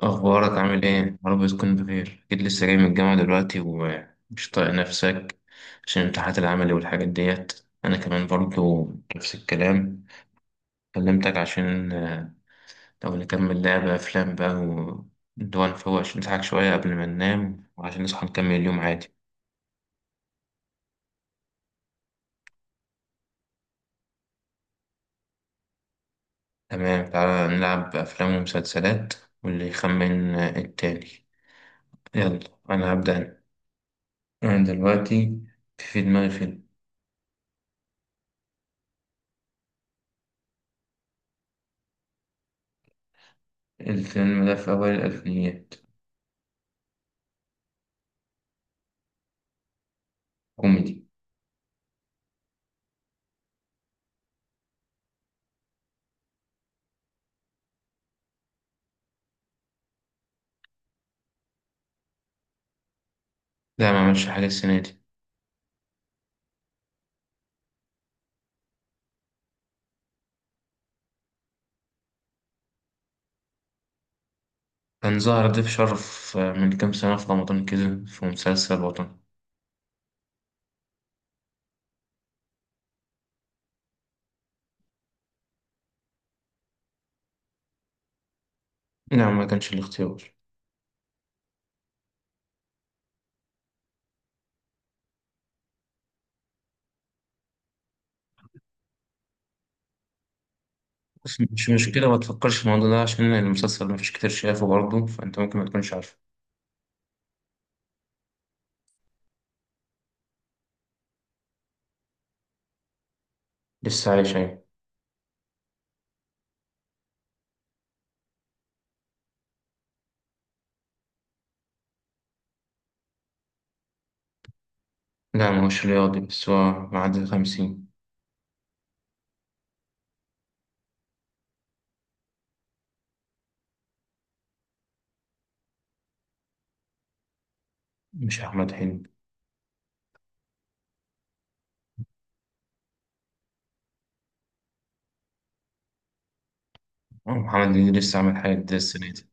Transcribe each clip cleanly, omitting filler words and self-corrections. أخبارك عامل إيه؟ يا رب تكون بخير، أكيد لسه جاي من الجامعة دلوقتي ومش طايق نفسك عشان الامتحانات العملي والحاجات ديت، أنا كمان برضو نفس الكلام. كلمتك عشان لو نكمل لعبة أفلام بقى ونروح نفوق عشان نضحك شوية قبل ما ننام وعشان نصحى نكمل اليوم عادي. تمام، تعالى نلعب أفلام ومسلسلات، واللي يخمن التاني. يلا، أنا هبدأ أنا. أنا دلوقتي في دماغي فيلم. الفيلم ده في أوائل الألفينيات. كوميدي. لا، ما عملش حاجة السنة دي. كان ظهر ضيف شرف من كام سنة في رمضان كده، في مسلسل وطني. نعم، ما كانش الاختيار. بس مش مشكلة، ما تفكرش في الموضوع ده عشان المسلسل ما فيش كتير شافه برضه، فأنت ممكن ما تكونش عارفه. لسه عايش، أيوة. لا، ما هوش رياضي، بس هو معدي الخمسين. مش أحمد حلمي. أه، محمد هنيدي لسه عامل حاجة جديدة السنة دي.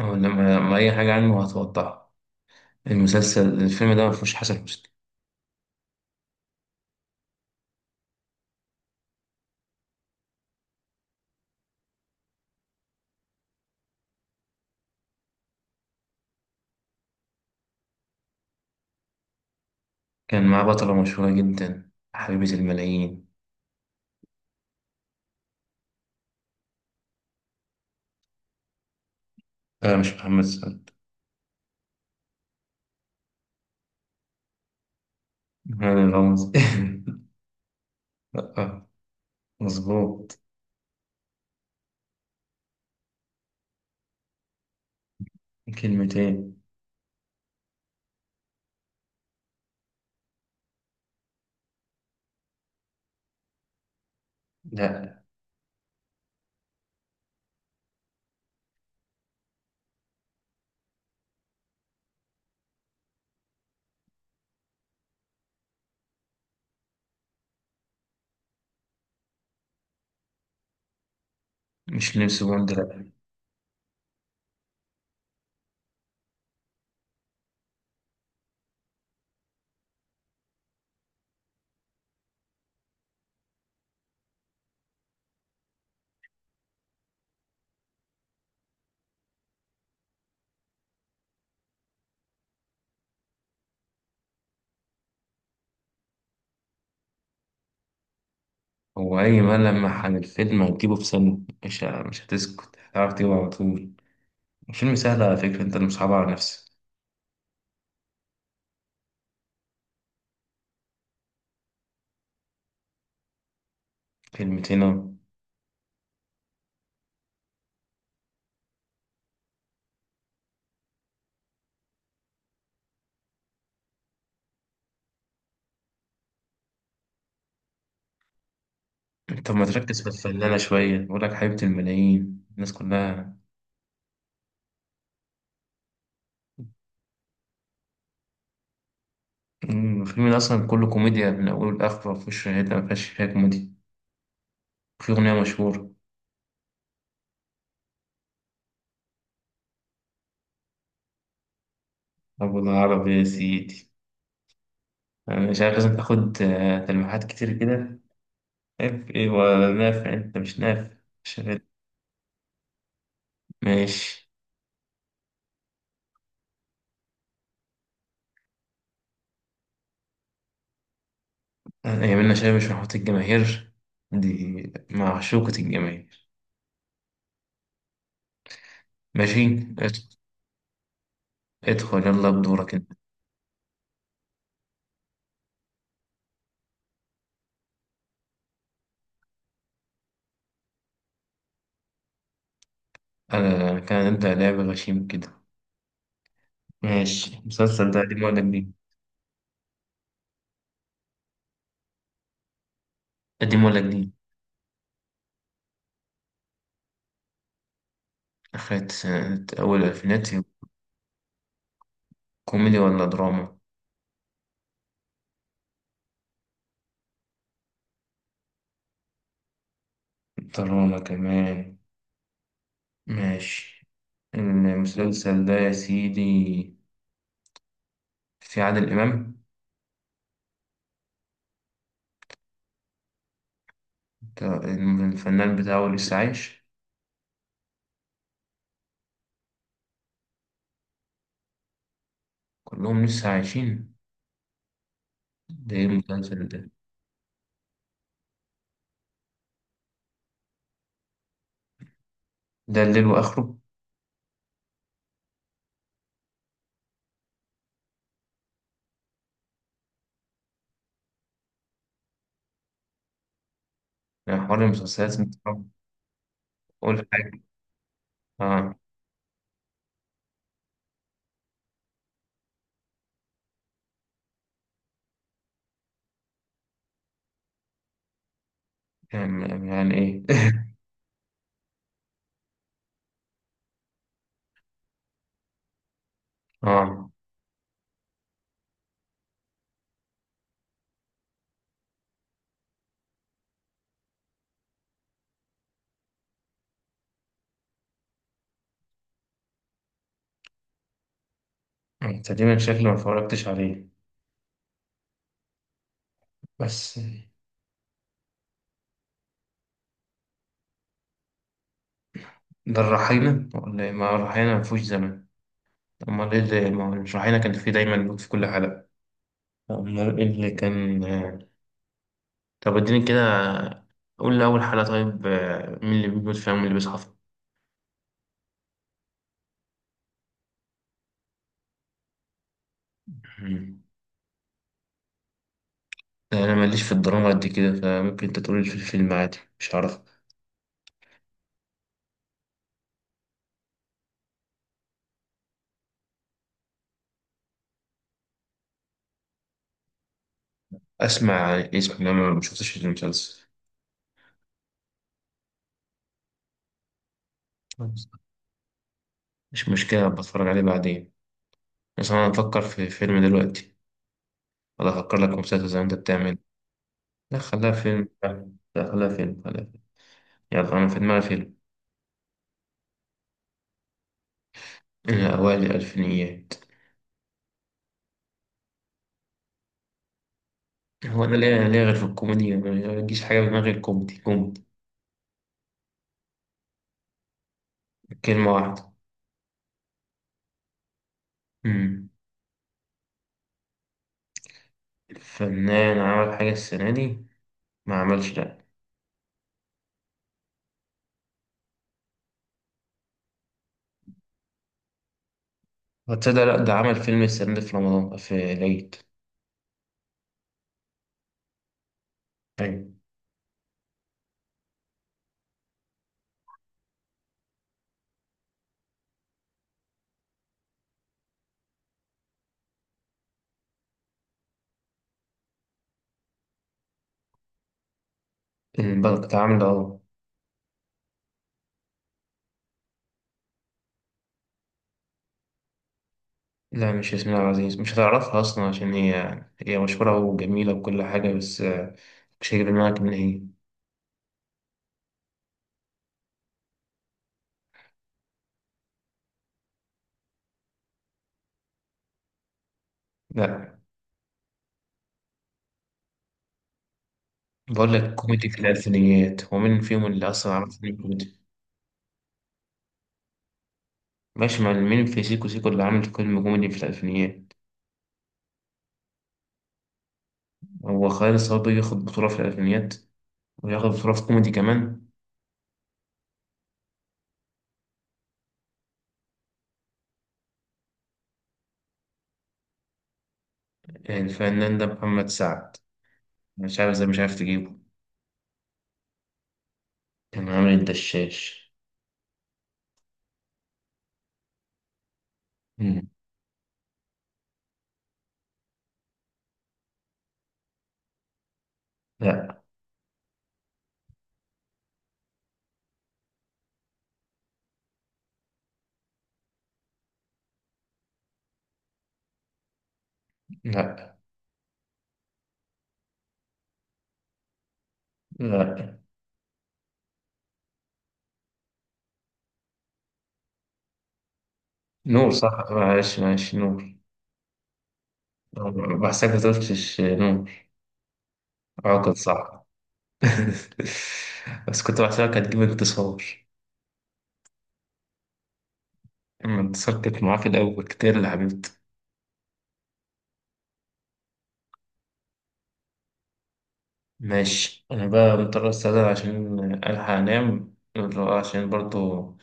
أو لما ما أي حاجة عنه هتوضحها. الفيلم ده ما فيهوش حسن حسني. كان معاه بطلة مشهورة جدا، حبيبة الملايين. آه، مش محمد سعد. هذا غمز. لا، مظبوط. كلمتين. لا، مش لمس بوند، لا. هو أي ملمح عن الفيلم هتجيبه في سنة، مش هتسكت، هتعرف تجيبه على طول. الفيلم سهل على فكرة، أنت اللي مصعبها على نفسك. كلمتين أهو. طب ما تركز في الفنانة شوية، بقول لك حبيبة الملايين، الناس كلها. الفيلم ده أصلا كله كوميديا من أوله لآخره، مفيهوش حتة مفيهاش فيها كوميديا. وفي أغنية مشهورة. أبو العرب يا سيدي. أنا مش عارف، لازم تاخد تلميحات كتير كده. ناف ايه هو، ناف انت مش ناف. شغال. ماشي. يمنا شاي، مش محبط الجماهير، دي معشوقة الجماهير. ماشي. ادخل، ادخل يلا بدورك انت. انا كان نبدأ لعب غشيم كده. ماشي، المسلسل ده قديم ولا جديد؟ قديم ولا جديد؟ أخدت سنة، أول الألفينات. كوميدي ولا دراما؟ دراما كمان. ماشي. المسلسل ده يا سيدي، في عادل إمام؟ ده الفنان بتاعه لسه عايش؟ كلهم لسه عايشين. ده ايه المسلسل ده؟ ده الليل واخره. يعني حوار المسلسلات انت. قول حاجة. اه. يعني ايه؟ اه، تقريبا شكلي ما اتفرجتش عليه، بس. ده الرحينة ولا إيه؟ ما الرحينة ما فيهوش زمن. امال ايه اللي، ما هو الرحينة كان فيه دايما لوت في كل حلقة. امال ايه اللي كان؟ طب اديني كده، قول لي اول حلقة طيب، مين اللي بيموت فيها ومين اللي بيصحى فيها؟ مم. انا ماليش في الدراما قد كده، فممكن انت تقول لي في الفيلم عادي، مش عارف. اسمع اسم، انا ما شفتش المسلسل. مش مشكله، بتفرج عليه بعدين. بس انا افكر في فيلم دلوقتي، ولا افكر لك في مسلسل زي ما انت بتعمل؟ لا، خليها فيلم. لا، خليها فيلم، خليها فيلم. يلا، انا في دماغي فيلم. إيه، اوائل الالفينيات. هو انا ليه غير في الكوميديا؟ ما بيجيش حاجه في دماغي غير كوميدي، كوميدي. كلمه واحده. امم الفنان عمل حاجه السنه دي؟ ما عملش، لا. هتصدق؟ لا، ده عمل فيلم السنه دي في رمضان، في العيد. ايوه. البنك ده عامله. لا، مش ياسمين عبد العزيز، مش هتعرفها أصلا عشان هي مشهورة وجميلة وكل حاجة، بس مش هيجي في دماغك من هي. لا، بقول لك كوميدي في الألفينيات، ومين فيهم اللي أصلا عرف إن كوميدي. ماشي، مع مين في سيكو سيكو اللي عامل فيلم كوميدي في الألفينيات؟ هو خالد صبري ياخد بطولة في الألفينيات، وياخد بطولة في كوميدي كمان؟ الفنان ده محمد سعد، مش عارف إزاي مش عارف تجيبه. كان عامل الدشاش. مم. لا، لا، لا. نور، صح، معلش، معلش، نور. بحسك ما تقولش نمر. عقد، صح. بس كنت بحسبك هتجيب انتصار. اما انتصار كانت معاه في الأول كتير، اللي حبيبتي. ماشي، أنا بقى مضطر أستأذن عشان ألحق أنام، عشان برضو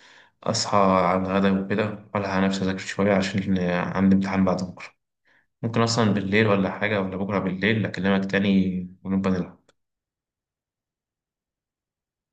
أصحى على الغدا وكده، وألحق نفسي أذاكر شوية عشان عندي امتحان بعد بكرة. ممكن أصلا بالليل ولا حاجة، ولا بكرة بالليل، أكلمك تاني ونبقى نلعب.